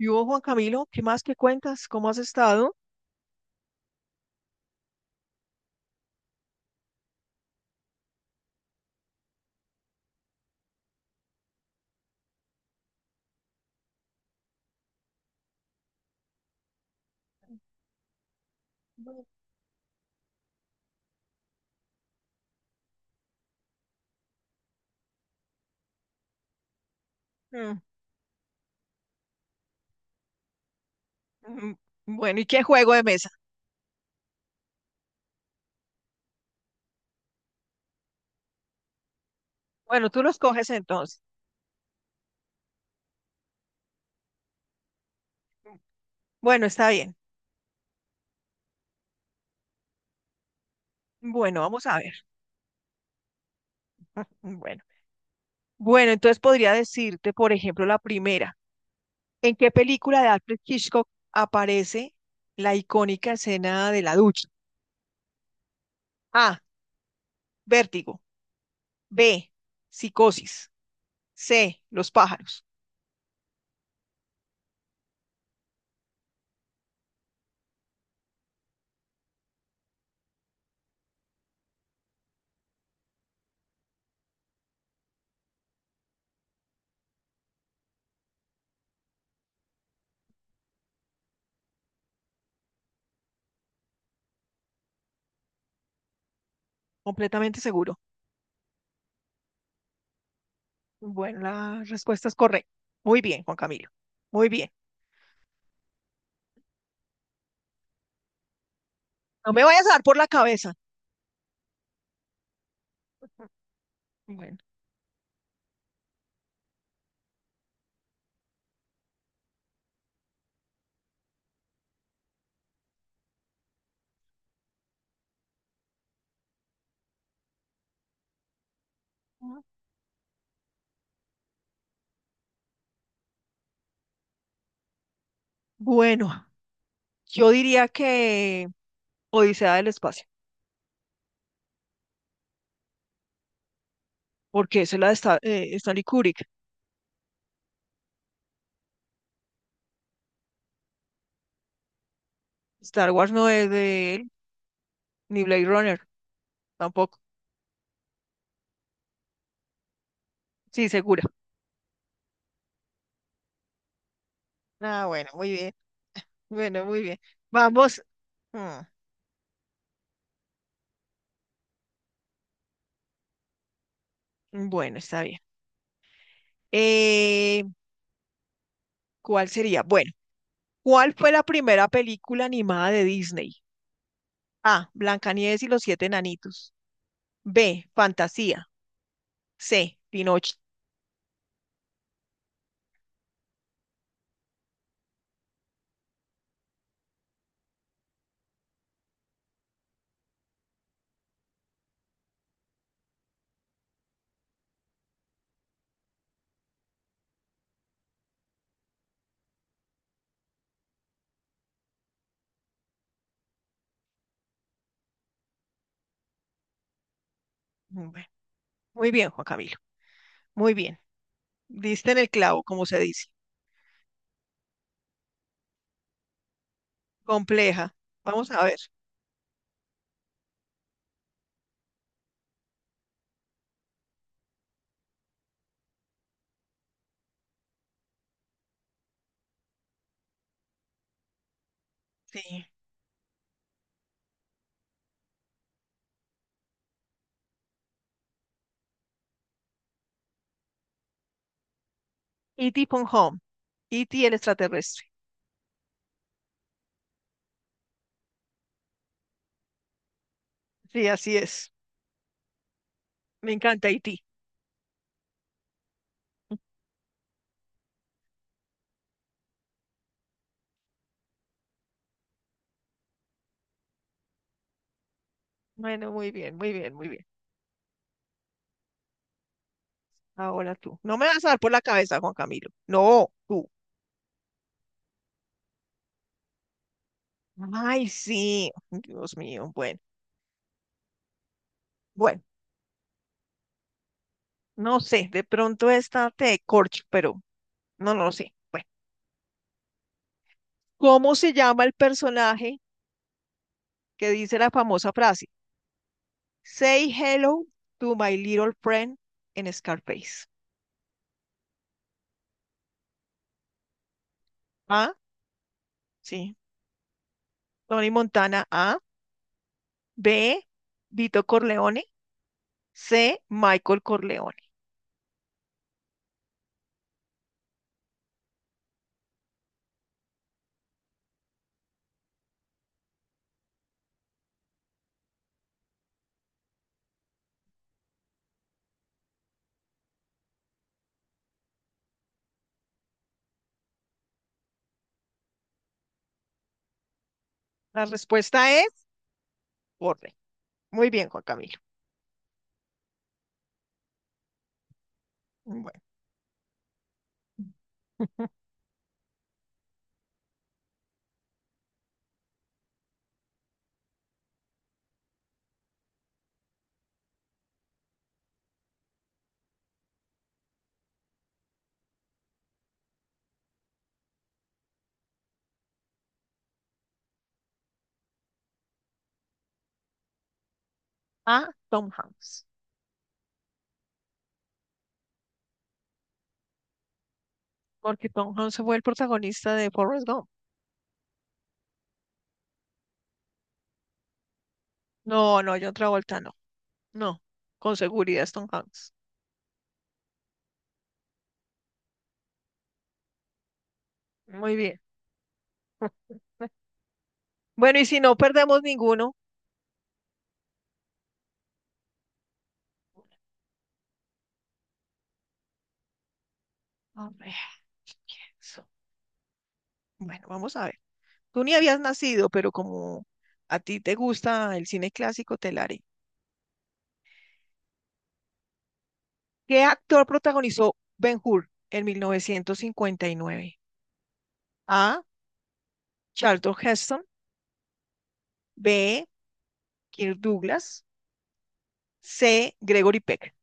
Y vos, Juan Camilo, ¿qué más que cuentas? ¿Cómo has estado? Mm, mm, Bueno, ¿y qué juego de mesa? Bueno, tú los coges entonces. Bueno, está bien. Bueno, vamos a ver. Bueno, bueno, entonces podría decirte, por ejemplo, la primera. ¿En qué película de Alfred Hitchcock aparece la icónica escena de la ducha? A. Vértigo. B. Psicosis. C. Los pájaros. Completamente seguro. Bueno, la respuesta es correcta. Muy bien, Juan Camilo. Muy bien. No me vayas a dar por la cabeza. Bueno. Bueno, yo diría que Odisea del Espacio, porque esa es la de Stanley Kubrick. Star Wars no es de él, ni Blade Runner tampoco. Sí, segura. Ah, bueno, muy bien. Bueno, muy bien. Vamos. Mm, Bueno, está bien. Eh, ¿Cuál sería? Bueno, ¿cuál fue la primera película animada de Disney? A. Blancanieves y los siete enanitos. B. Fantasía. C. Pinocho. Bueno, muy bien, Juan Camilo. Muy bien. Diste en el clavo, como se dice. Compleja. Vamos a ver. Sí. E.T. Pon Home. E.T. el extraterrestre. Sí, así es. Me encanta E.T. Bueno, muy bien, muy bien, muy bien. Ahora tú. No me vas a dar por la cabeza, Juan Camilo. No, tú. Ay, sí. Dios mío. Bueno, bueno. No sé, de pronto esta te corcho, pero no, no lo sé. Bueno, ¿cómo se llama el personaje que dice la famosa frase? Say hello to my little friend en Scarface. ¿Ah? Sí. Tony Montana A. B. Vito Corleone. C. Michael Corleone. La respuesta es corre. Muy bien, Juan Camilo. Bueno. A. Tom Hanks. Porque Tom Hanks fue el protagonista de Forrest Gump. No, no, John Travolta no. No. Con seguridad es Tom Hanks. Muy bien. Bueno, y si no perdemos ninguno. A ver, pienso. Bueno, vamos a ver. Tú ni habías nacido, pero como a ti te gusta el cine clásico, te la haré. ¿Qué actor protagonizó Ben-Hur en 1959? A. Charlton Heston. B. Kirk Douglas. C. Gregory Peck.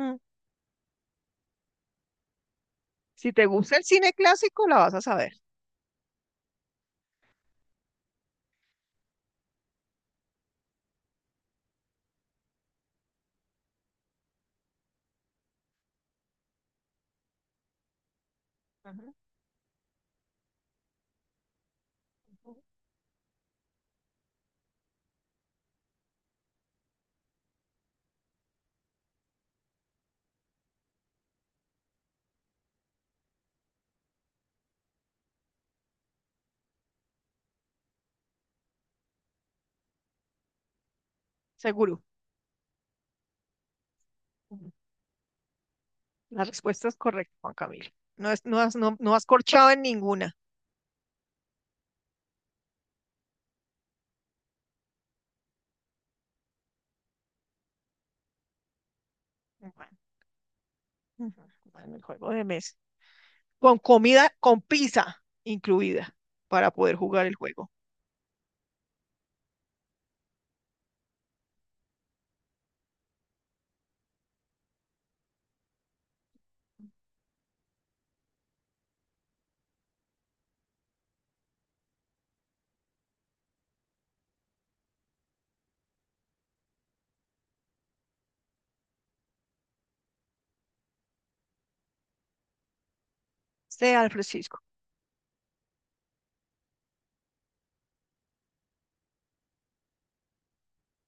Si te gusta el cine clásico, la vas a saber. Ujú. Seguro. La respuesta es correcta, Juan Camilo. No, no has corchado en ninguna. Bueno, bueno, el juego de mesa. Con comida, con pizza incluida para poder jugar el juego. Sea al Francisco.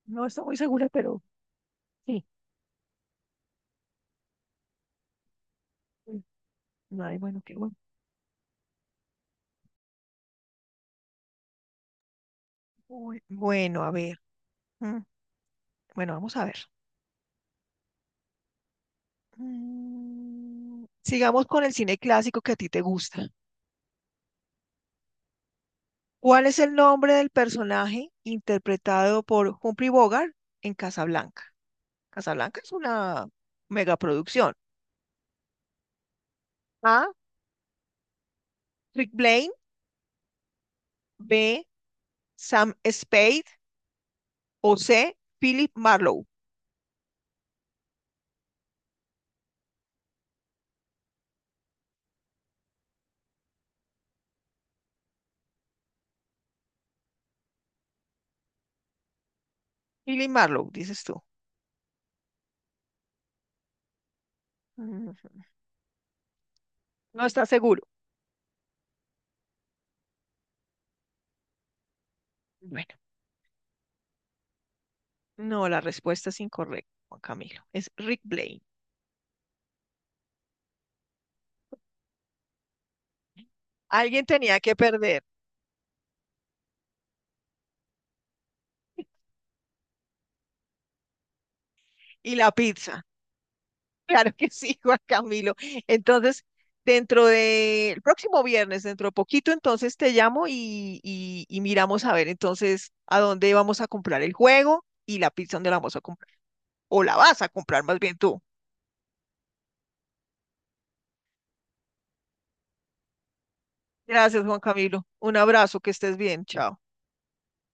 No estoy muy segura, pero sí. Mm, Ay, bueno, qué bueno. Uy, bueno, a ver. mm, Bueno, vamos a ver. Sigamos con el cine clásico que a ti te gusta. ¿Cuál es el nombre del personaje interpretado por Humphrey Bogart en Casablanca? Casablanca es una megaproducción. A. Rick Blaine. B. Sam Spade. O C. Philip Marlowe. Philip Marlowe, dices tú. Mm, No estás seguro. Bueno, no, la respuesta es incorrecta, Juan Camilo. Es Rick Blaine. Alguien tenía que perder. Y la pizza. Claro que sí, Juan Camilo. Entonces, dentro de el próximo viernes, dentro de poquito, entonces te llamo y miramos a ver entonces a dónde vamos a comprar el juego y la pizza donde la vamos a comprar. O la vas a comprar más bien tú. Gracias, Juan Camilo. Un abrazo, que estés bien. Chao.